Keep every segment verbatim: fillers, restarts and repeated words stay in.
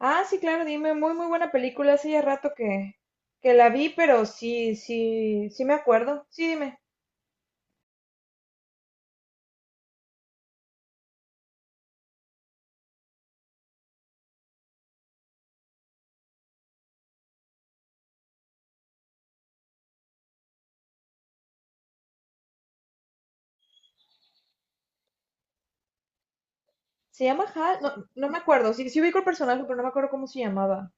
Ah, sí, claro, dime, muy, muy buena película. Hace ya rato que, que la vi, pero sí, sí, sí me acuerdo. Sí, dime. ¿Se llama Hal? No, no me acuerdo. Sí, sí ubico el personaje, pero no me acuerdo cómo se llamaba.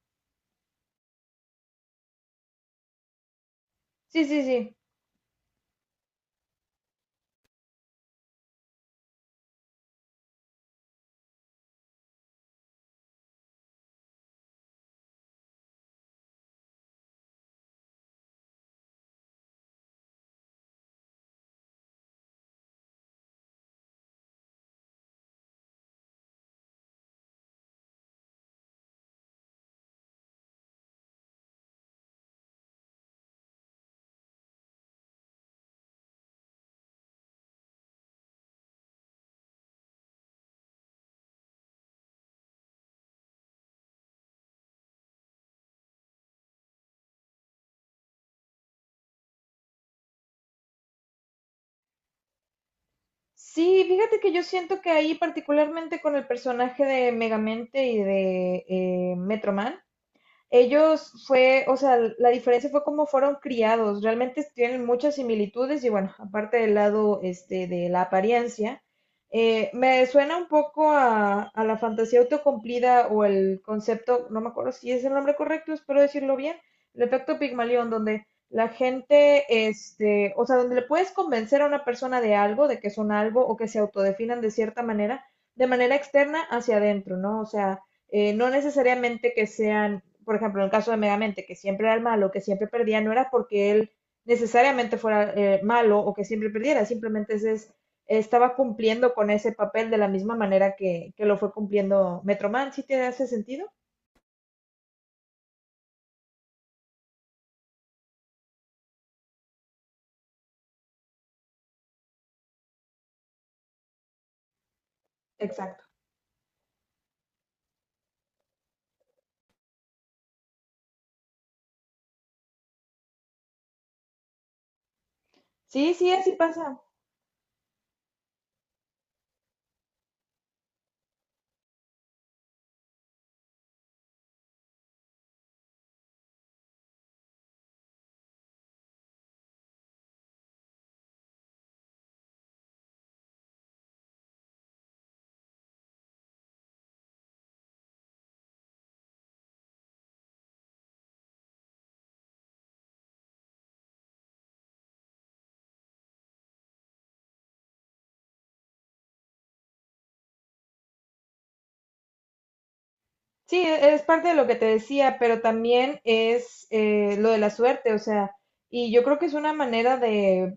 Sí, sí, sí. Sí, fíjate que yo siento que ahí, particularmente con el personaje de Megamente y de eh, Metroman, ellos fue, o sea, la diferencia fue cómo fueron criados. Realmente tienen muchas similitudes y bueno, aparte del lado este, de la apariencia, eh, me suena un poco a, a la fantasía autocumplida o el concepto, no me acuerdo si es el nombre correcto, espero decirlo bien, el efecto Pigmalión, donde la gente, este, o sea, donde le puedes convencer a una persona de algo, de que son algo o que se autodefinan de cierta manera, de manera externa hacia adentro, ¿no? O sea, eh, no necesariamente que sean, por ejemplo, en el caso de Megamente, que siempre era el malo, que siempre perdía, no era porque él necesariamente fuera eh, malo o que siempre perdiera, simplemente ese es, estaba cumpliendo con ese papel de la misma manera que, que lo fue cumpliendo Metroman. ¿Sí te hace sentido? Exacto. Sí, sí, así pasa. Sí, e- es parte de lo que te decía, pero también es eh, lo de la suerte, o sea, y yo creo que es una manera de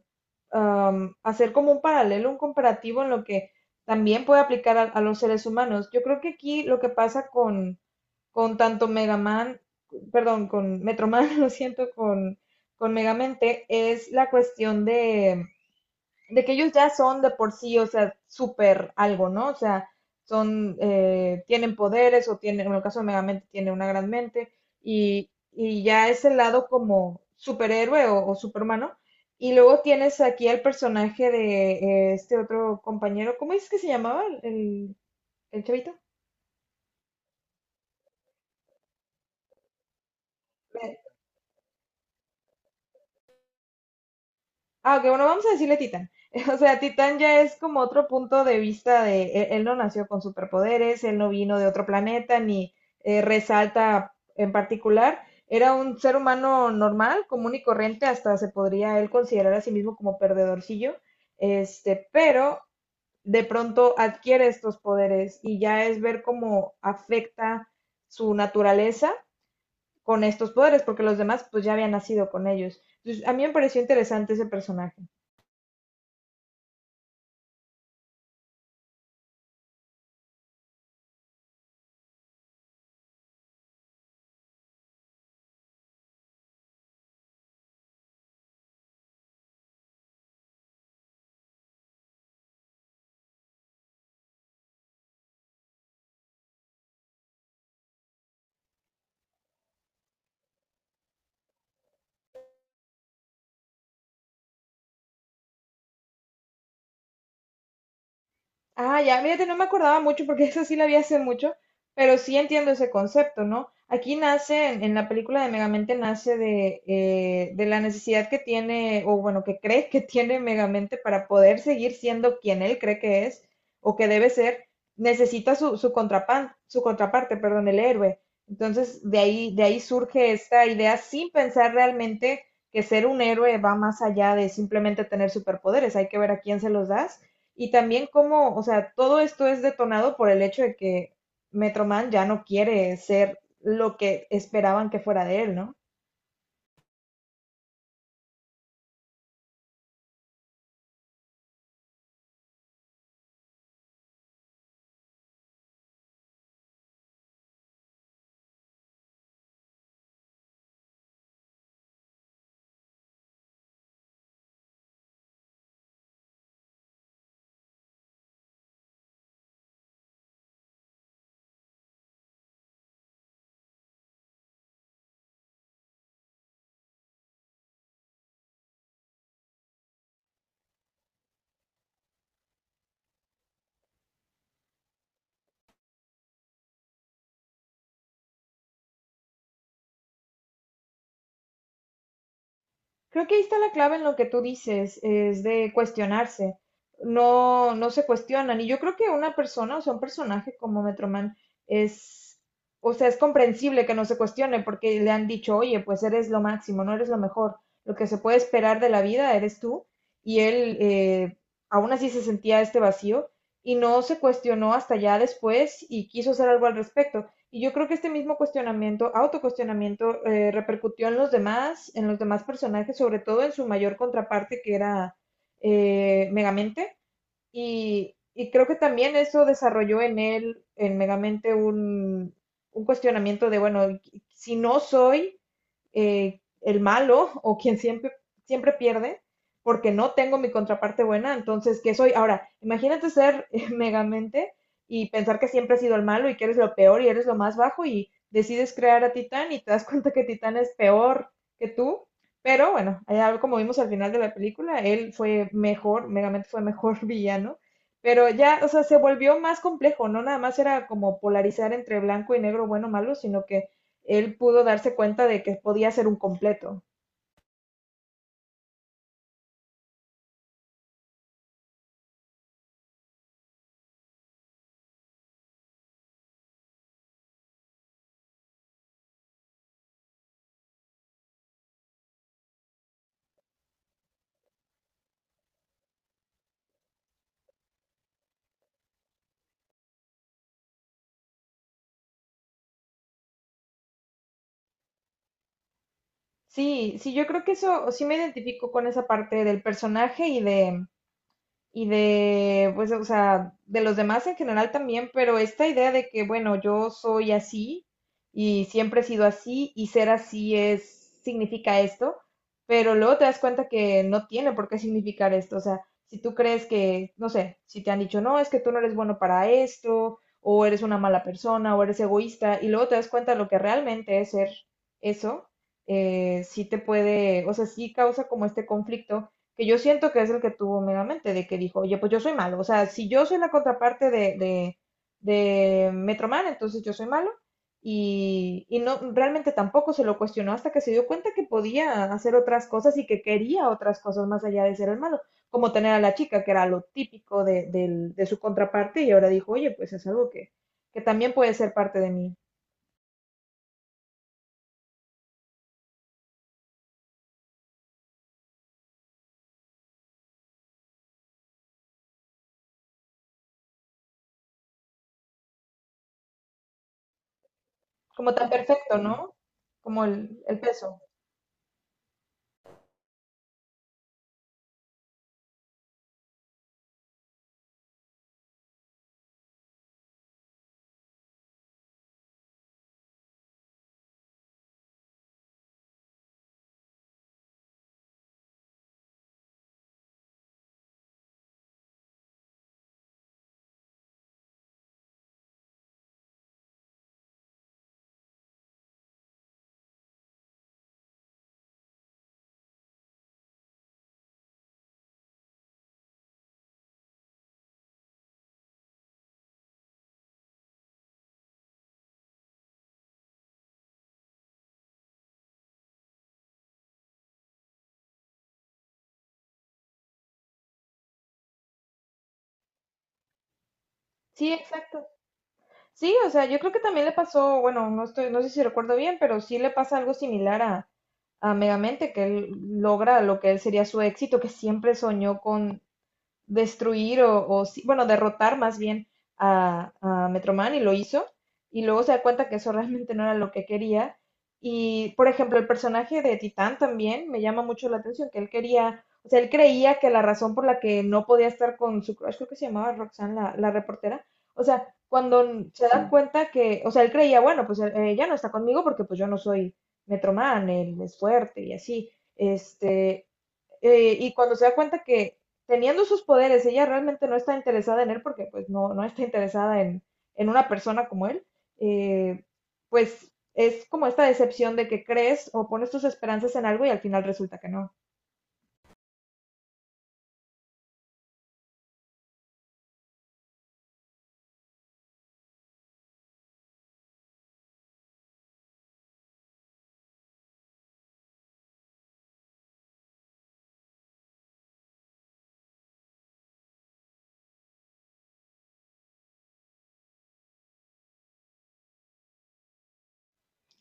am, hacer como un paralelo, un comparativo en lo que también puede aplicar a, a los seres humanos. Yo creo que aquí lo que pasa con, con tanto Mega Man, perdón, con Metroman, lo siento, con, con Megamente, es la cuestión de de que ellos ya son de por sí, o sea, súper algo, ¿no? O sea, son, eh, tienen poderes o tienen, en el caso de Megamente, tiene una gran mente y, y ya es el lado como superhéroe o, o superhumano. Y luego tienes aquí al personaje de eh, este otro compañero, ¿cómo es que se llamaba el, el, el chavito? Ah, ok, bueno, vamos a decirle Titán. O sea, Titán ya es como otro punto de vista de él, él no nació con superpoderes, él no vino de otro planeta, ni eh, resalta en particular. Era un ser humano normal, común y corriente, hasta se podría él considerar a sí mismo como perdedorcillo, este, pero de pronto adquiere estos poderes y ya es ver cómo afecta su naturaleza con estos poderes, porque los demás pues ya habían nacido con ellos. Entonces, a mí me pareció interesante ese personaje. Ah, ya, mírate, no me acordaba mucho porque eso sí la vi hace mucho, pero sí entiendo ese concepto, ¿no? Aquí nace, en, en la película de Megamente, nace de, eh, de la necesidad que tiene, o bueno, que cree que tiene Megamente para poder seguir siendo quien él cree que es o que debe ser, necesita su, su contrapan- su contraparte, perdón, el héroe. Entonces, de ahí, de ahí surge esta idea sin pensar realmente que ser un héroe va más allá de simplemente tener superpoderes, hay que ver a quién se los das y también cómo, o sea, todo esto es detonado por el hecho de que Metro Man ya no quiere ser lo que esperaban que fuera de él, ¿no? Creo que ahí está la clave en lo que tú dices, es de cuestionarse. No, no se cuestionan. Y yo creo que una persona, o sea, un personaje como Metroman es, o sea, es comprensible que no se cuestione porque le han dicho, oye, pues eres lo máximo, no eres lo mejor. Lo que se puede esperar de la vida eres tú. Y él eh, aún así se sentía este vacío y no se cuestionó hasta ya después y quiso hacer algo al respecto. Y yo creo que este mismo cuestionamiento, autocuestionamiento, eh, repercutió en los demás, en los demás personajes, sobre todo en su mayor contraparte que era eh, Megamente. Y, y creo que también eso desarrolló en él, en Megamente, un, un cuestionamiento de, bueno, si no soy eh, el malo o quien siempre, siempre pierde, porque no tengo mi contraparte buena, entonces, ¿qué soy? Ahora, imagínate ser eh, Megamente y pensar que siempre has sido el malo y que eres lo peor y eres lo más bajo y decides crear a Titán y te das cuenta que Titán es peor que tú, pero bueno, ya como vimos al final de la película, él fue mejor, Megamente fue mejor villano, pero ya, o sea, se volvió más complejo, no nada más era como polarizar entre blanco y negro, bueno o malo, sino que él pudo darse cuenta de que podía ser un completo. Sí, sí, yo creo que eso, sí me identifico con esa parte del personaje y de, y de, pues, o sea, de los demás en general también, pero esta idea de que, bueno, yo soy así y siempre he sido así y ser así es, significa esto, pero luego te das cuenta que no tiene por qué significar esto, o sea, si tú crees que, no sé, si te han dicho, no, es que tú no eres bueno para esto, o eres una mala persona, o eres egoísta, y luego te das cuenta de lo que realmente es ser eso, eh, sí te puede, o sea, sí causa como este conflicto que yo siento que es el que tuvo meramente, de que dijo, oye, pues yo soy malo, o sea, si yo soy la contraparte de, de, de Metroman, entonces yo soy malo, y, y no, realmente tampoco se lo cuestionó hasta que se dio cuenta que podía hacer otras cosas y que quería otras cosas más allá de ser el malo, como tener a la chica, que era lo típico de, del- de su contraparte, y ahora dijo, oye, pues es algo que, que también puede ser parte de mí, como tan perfecto, ¿no? Como el, el peso. Sí, exacto. Sí, o sea, yo creo que también le pasó, bueno, no estoy, no sé si recuerdo bien, pero sí le pasa algo similar a, a Megamente, que él logra lo que él sería su éxito, que siempre soñó con, destruir o, o sí- bueno, derrotar más bien a, a Metroman y lo hizo. Y luego se da cuenta que eso realmente no era lo que quería. Y, por ejemplo, el personaje de Titán también me llama mucho la atención, que él quería, o sea, él creía que la razón por la que no podía estar con su crush, creo que se llamaba Roxanne, la, la reportera, o sea, cuando se da Sí. cuenta que, o sea, él creía, bueno, pues eh, ya no está conmigo porque pues yo no soy Metroman, él es fuerte y así. Este, eh, y cuando se da cuenta que teniendo sus poderes, ella realmente no está interesada en él porque pues no, no está interesada en, en una persona como él, eh, pues es como esta decepción de que crees o pones tus esperanzas en algo y al final resulta que no.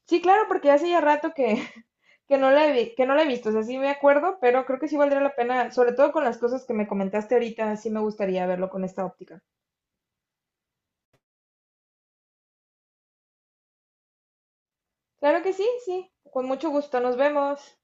Sí, claro, porque hace ya rato que, que no la he, vi- que no la he visto, o sea, sí me acuerdo, pero creo que sí valdría la pena, sobre todo con las cosas que me comentaste ahorita, sí me gustaría verlo con esta óptica. Claro que sí, sí, con mucho gusto, nos vemos.